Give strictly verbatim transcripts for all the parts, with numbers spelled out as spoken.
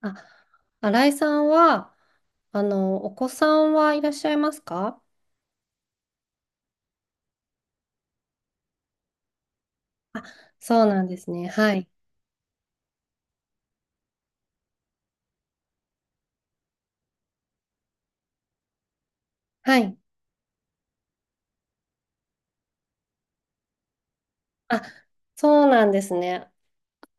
あ、新井さんは、あの、お子さんはいらっしゃいますか？そうなんですね。はい。はい。あ、そうなんですね。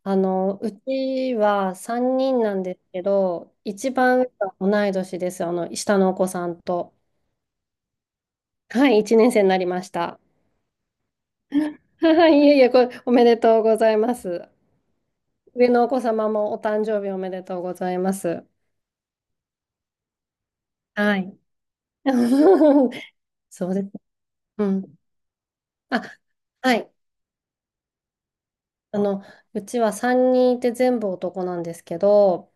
あの、うちはさんにんなんですけど、一番上が同い年です。あの、下のお子さんと。はい、いちねん生になりました。はい、いえいえ、これ、おめでとうございます。上のお子様もお誕生日おめでとうございます。はい。そうです。うん。あ、はい。あの、うちはさんにんいて全部男なんですけど、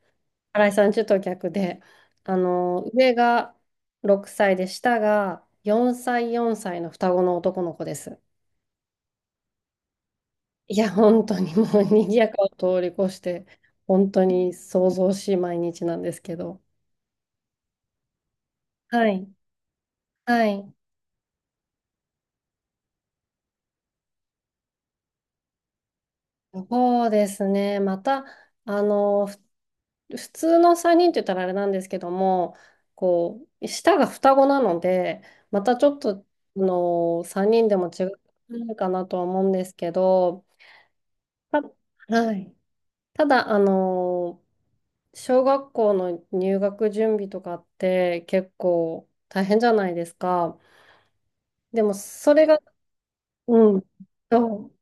新井さんちょっと逆で、あの、上がろくさいで下がよんさい、よんさいの双子の男の子です。いや、本当にもう賑やかを通り越して、本当に騒々しい毎日なんですけど。はい。はい。そうですね。また、あの、ふ普通のさんにんって言ったらあれなんですけども、こう、下が双子なので、またちょっと、あの、さんにんでも違うかなとは思うんですけど、た、はい。ただ、あの、小学校の入学準備とかって結構大変じゃないですか。でも、それが、うん。そう。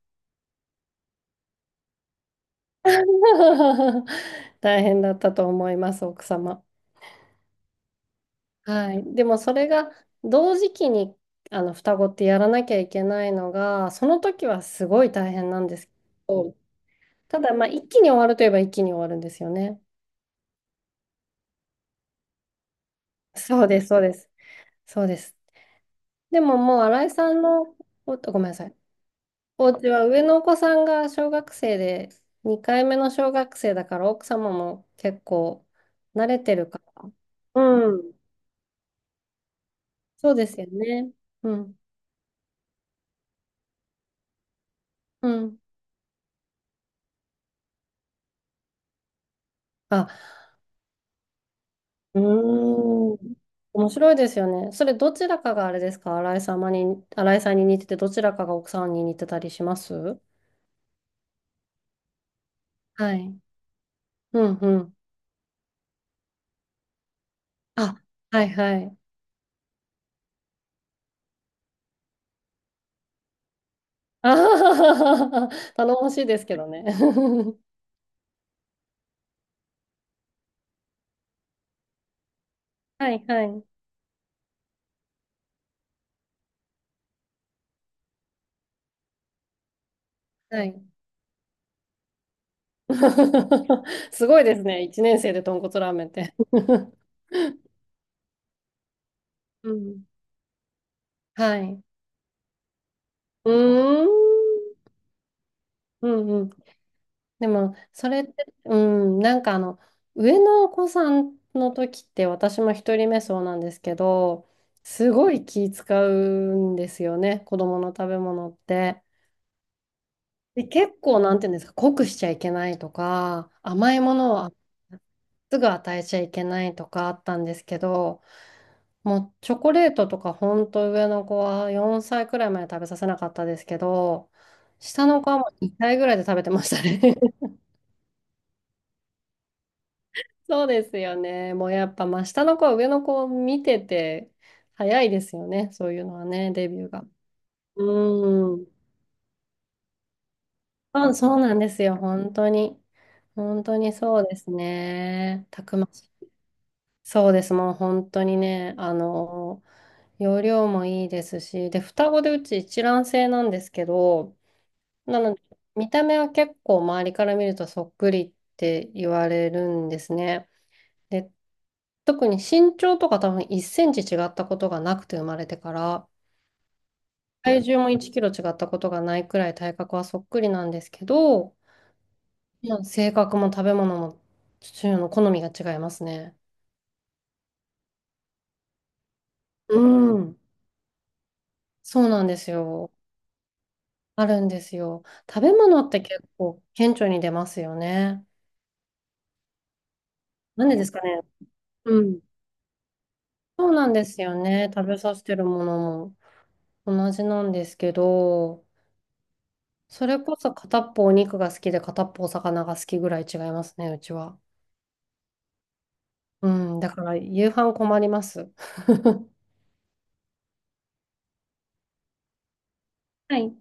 大変だったと思います、奥様。はい。でもそれが同時期に、あの、双子ってやらなきゃいけないのが、その時はすごい大変なんですけど、ただまあ一気に終わるといえば一気に終わるんですよね。そうです、そうです。そうです。でももう新井さんのお、ごめんなさい。お家は上のお子さんが小学生で、にかいめの小学生だから奥様も結構慣れてるから。うん。そうですよね。うん。うん。あうーん。面白いですよね。それ、どちらかがあれですか、新井様に、新井さんに似てて、どちらかが奥さんに似てたりします？はい。うんうん。あ、はいはい。あはははは。頼もしいですけどね。はいはい。はい。すごいですね。いちねん生で豚骨ラーメンって。うん。はい。うーん。うんうん。でも、それって、うん、なんかあの、上のお子さんの時って、私も一人目そうなんですけど、すごい気使うんですよね、子供の食べ物って。で、結構、なんていうんですか、濃くしちゃいけないとか、甘いものはすぐ与えちゃいけないとかあったんですけど、もうチョコレートとか、ほんと上の子はよんさいくらいまで食べさせなかったですけど、下の子はもうにさいぐらいで食べてましたね。そうですよね。もうやっぱ真下の子、上の子を見てて、早いですよね。そういうのはね、デビューが。うん。あ、そうなんですよ。本当に。本当にそうですね。たくましい。そうです。もう本当にね、あの、容量もいいですし、で、双子でうち一卵性なんですけど、なので、見た目は結構周りから見るとそっくりって言われるんですね。で、特に身長とか多分いちセンチ違ったことがなくて生まれてから、体重もいちキロ違ったことがないくらい体格はそっくりなんですけど、まあ性格も食べ物も父親の好みが違いますね。うん。そうなんですよ。あるんですよ。食べ物って結構顕著に出ますよね。なんでですかね。うん。そうなんですよね。食べさせてるものも同じなんですけど、それこそ片っぽお肉が好きで片っぽお魚が好きぐらい違いますね、うちは。うん、だから夕飯困ります。はい。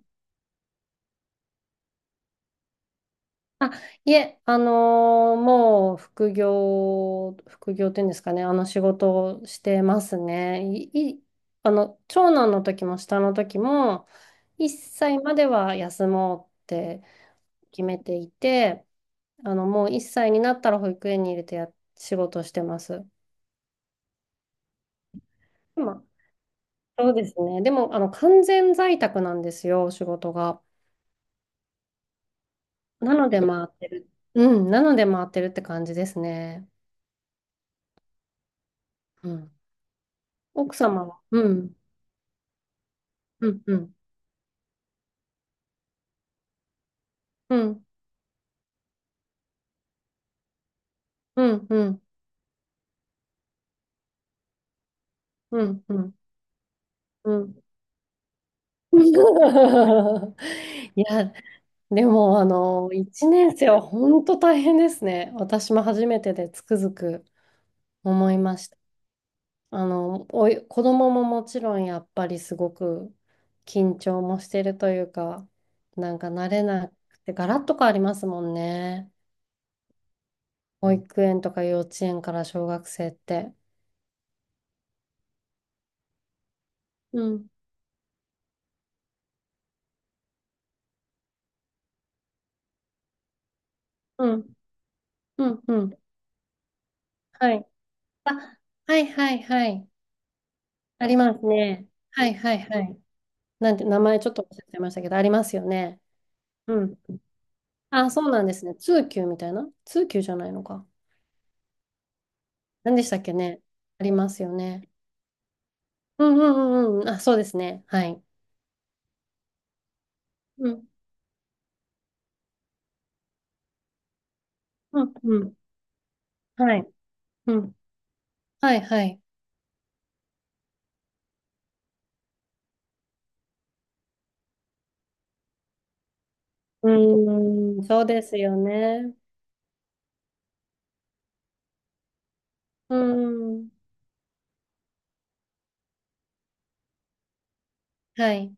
あ、いえ、あのーもう副業、副業っていうんですかね、あの仕事をしてますね。い、い、あの、長男の時も下の時も、いっさいまでは休もうって決めていて、あの、もういっさいになったら保育園に入れてや、仕事してます。今、そうですね。でも、あの、完全在宅なんですよ、仕事が。なので回ってる。うん、なので回ってるって感じですね。うん。奥様は、うん、うん、うん、うん、うん、うん、うん、うん。うん。 いや、でも、あの、いちねん生は本当大変ですね。私も初めてでつくづく思いました。あの、おい、子供ももちろんやっぱりすごく緊張もしてるというか、なんか慣れなくて、ガラッと変わりますもんね。保育園とか幼稚園から小学生って。うん、うん、うん、うん。はい。あ、はいはいはい。ありますね。はいはいはい。なんて、名前ちょっと忘れてましたけど、ありますよね。うん。あ、そうなんですね。通級みたいな、通級じゃないのか。何でしたっけね。ありますよね。うんうんうんうん。あ、そうですね。はい。うん。うんうん。はい。うん。はいはい。うーん。そうですよね。うーん。はい。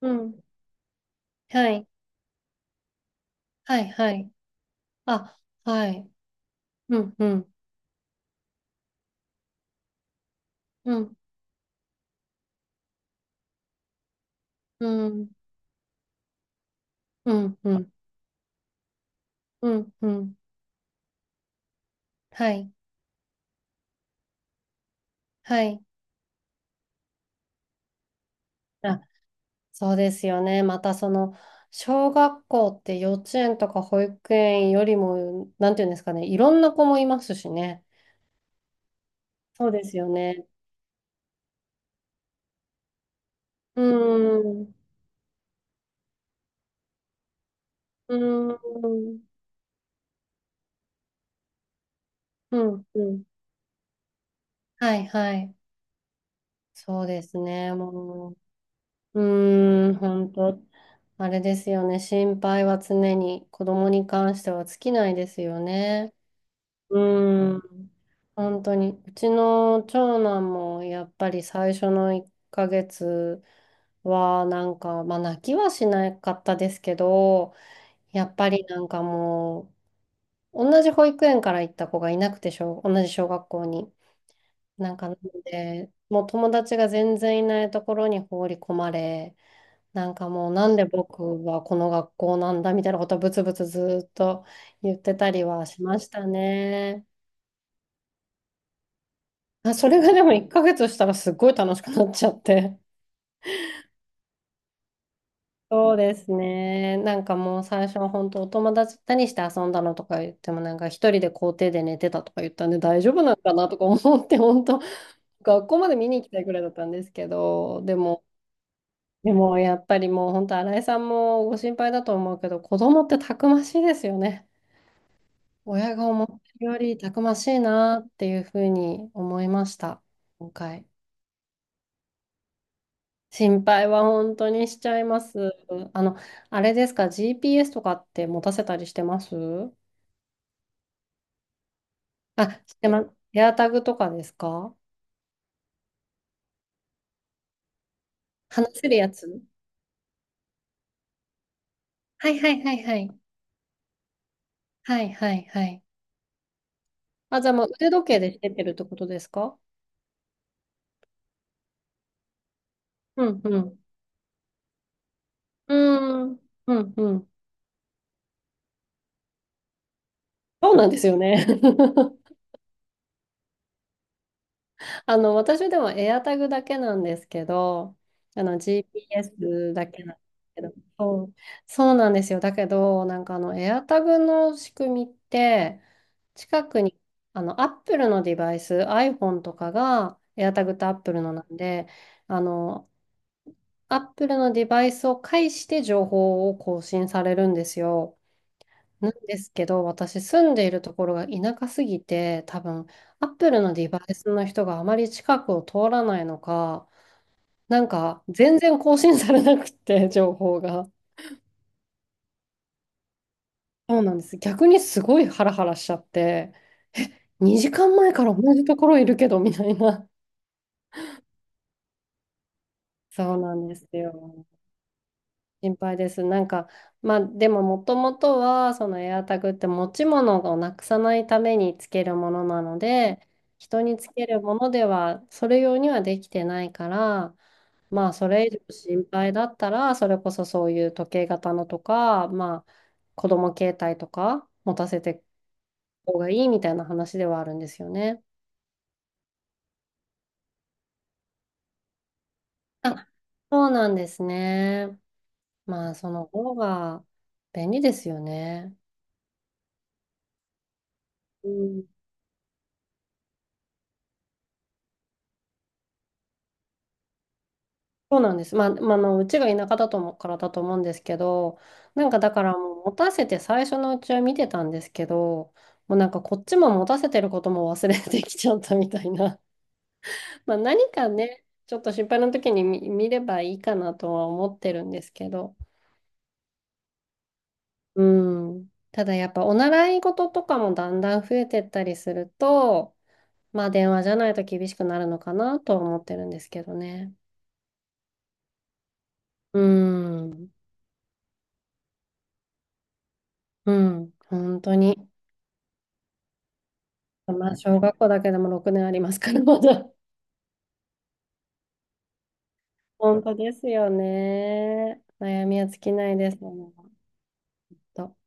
うん。はい。はいはい。あ、はい。うんうんうん。うん。うんうんうんうん。はい。はい。あ、そうですよね。またその、小学校って幼稚園とか保育園よりも、なんていうんですかね、いろんな子もいますしね。そうですよね。うーん。うーん、うん、うん。はいはい。そうですね。もう、うーん、本当、あれですよね。心配は常に、子供に関しては尽きないですよね。うーん、本当に。うちの長男も、やっぱり最初のいっかげつは、なんか、まあ、泣きはしなかったですけど、やっぱりなんかもう、同じ保育園から行った子がいなくて、小同じ小学校に。なんかなので、もう友達が全然いないところに放り込まれ、なんかもうなんで僕はこの学校なんだみたいなことをブツブツずーっと言ってたりはしましたね。あ、それがでもいっかげつしたらすっごい楽しくなっちゃって。そうですね。なんかもう最初は本当お友達何して遊んだのとか言ってもなんか一人で校庭で寝てたとか言ったんで大丈夫なのかなとか思って本当学校まで見に行きたいぐらいだったんですけど、でもでもやっぱりもう本当新井さんもご心配だと思うけど子供ってたくましいですよね。親が思ってるよりたくましいなっていうふうに思いました。今回。心配は本当にしちゃいます。あの、あれですか、 ジーピーエス とかって持たせたりしてます？あ、してます。エアタグとかですか？話せるやつ？はいはいはいはい。はいはいはい。あ、じゃあもう腕時計でしてってるってことですか？うんうん。うーん。うんうん。そうなんですよね。あの、私でも AirTag だけなんですけど、あの、ジーピーエス だけなんですけど、そう、そうなんですよ。だけど、なんかあの、AirTag の仕組みって、近くに、あの、Apple のデバイス、iPhone とかが、AirTag と Apple のなんで、あの、Apple のデバイスを介して情報を更新されるんですよ。なんですけど、私住んでいるところが田舎すぎて、多分、アップルのデバイスの人があまり近くを通らないのか、なんか全然更新されなくって、情報が。そうなんです。逆にすごいハラハラしちゃって、にじかんまえから同じところいるけど、みたいな。そうなんですよ。心配です。なんか、まあ、でももともとは、そのエアタグって持ち物をなくさないためにつけるものなので、人につけるものでは、それ用にはできてないから、まあ、それ以上心配だったら、それこそそういう時計型のとか、まあ、子供携帯とか持たせていく方がいいみたいな話ではあるんですよね。あ、そうなんですね。まあ、その方が便利ですよね。うん、そうなんです。まあ、まあ、あの、うちが田舎だと思うからだと思うんですけど、なんかだからもう持たせて最初のうちは見てたんですけど、もうなんかこっちも持たせてることも忘れてきちゃったみたいな。まあ何かね、ちょっと心配な時に見、見ればいいかなとは思ってるんですけど。うん。ただやっぱお習い事とかもだんだん増えてったりすると、まあ電話じゃないと厳しくなるのかなとは思ってるんですけどね。うん。うん。本当に。まあ、小学校だけでもろくねんありますから、まだ。本当ですよね。悩みは尽きないです。本当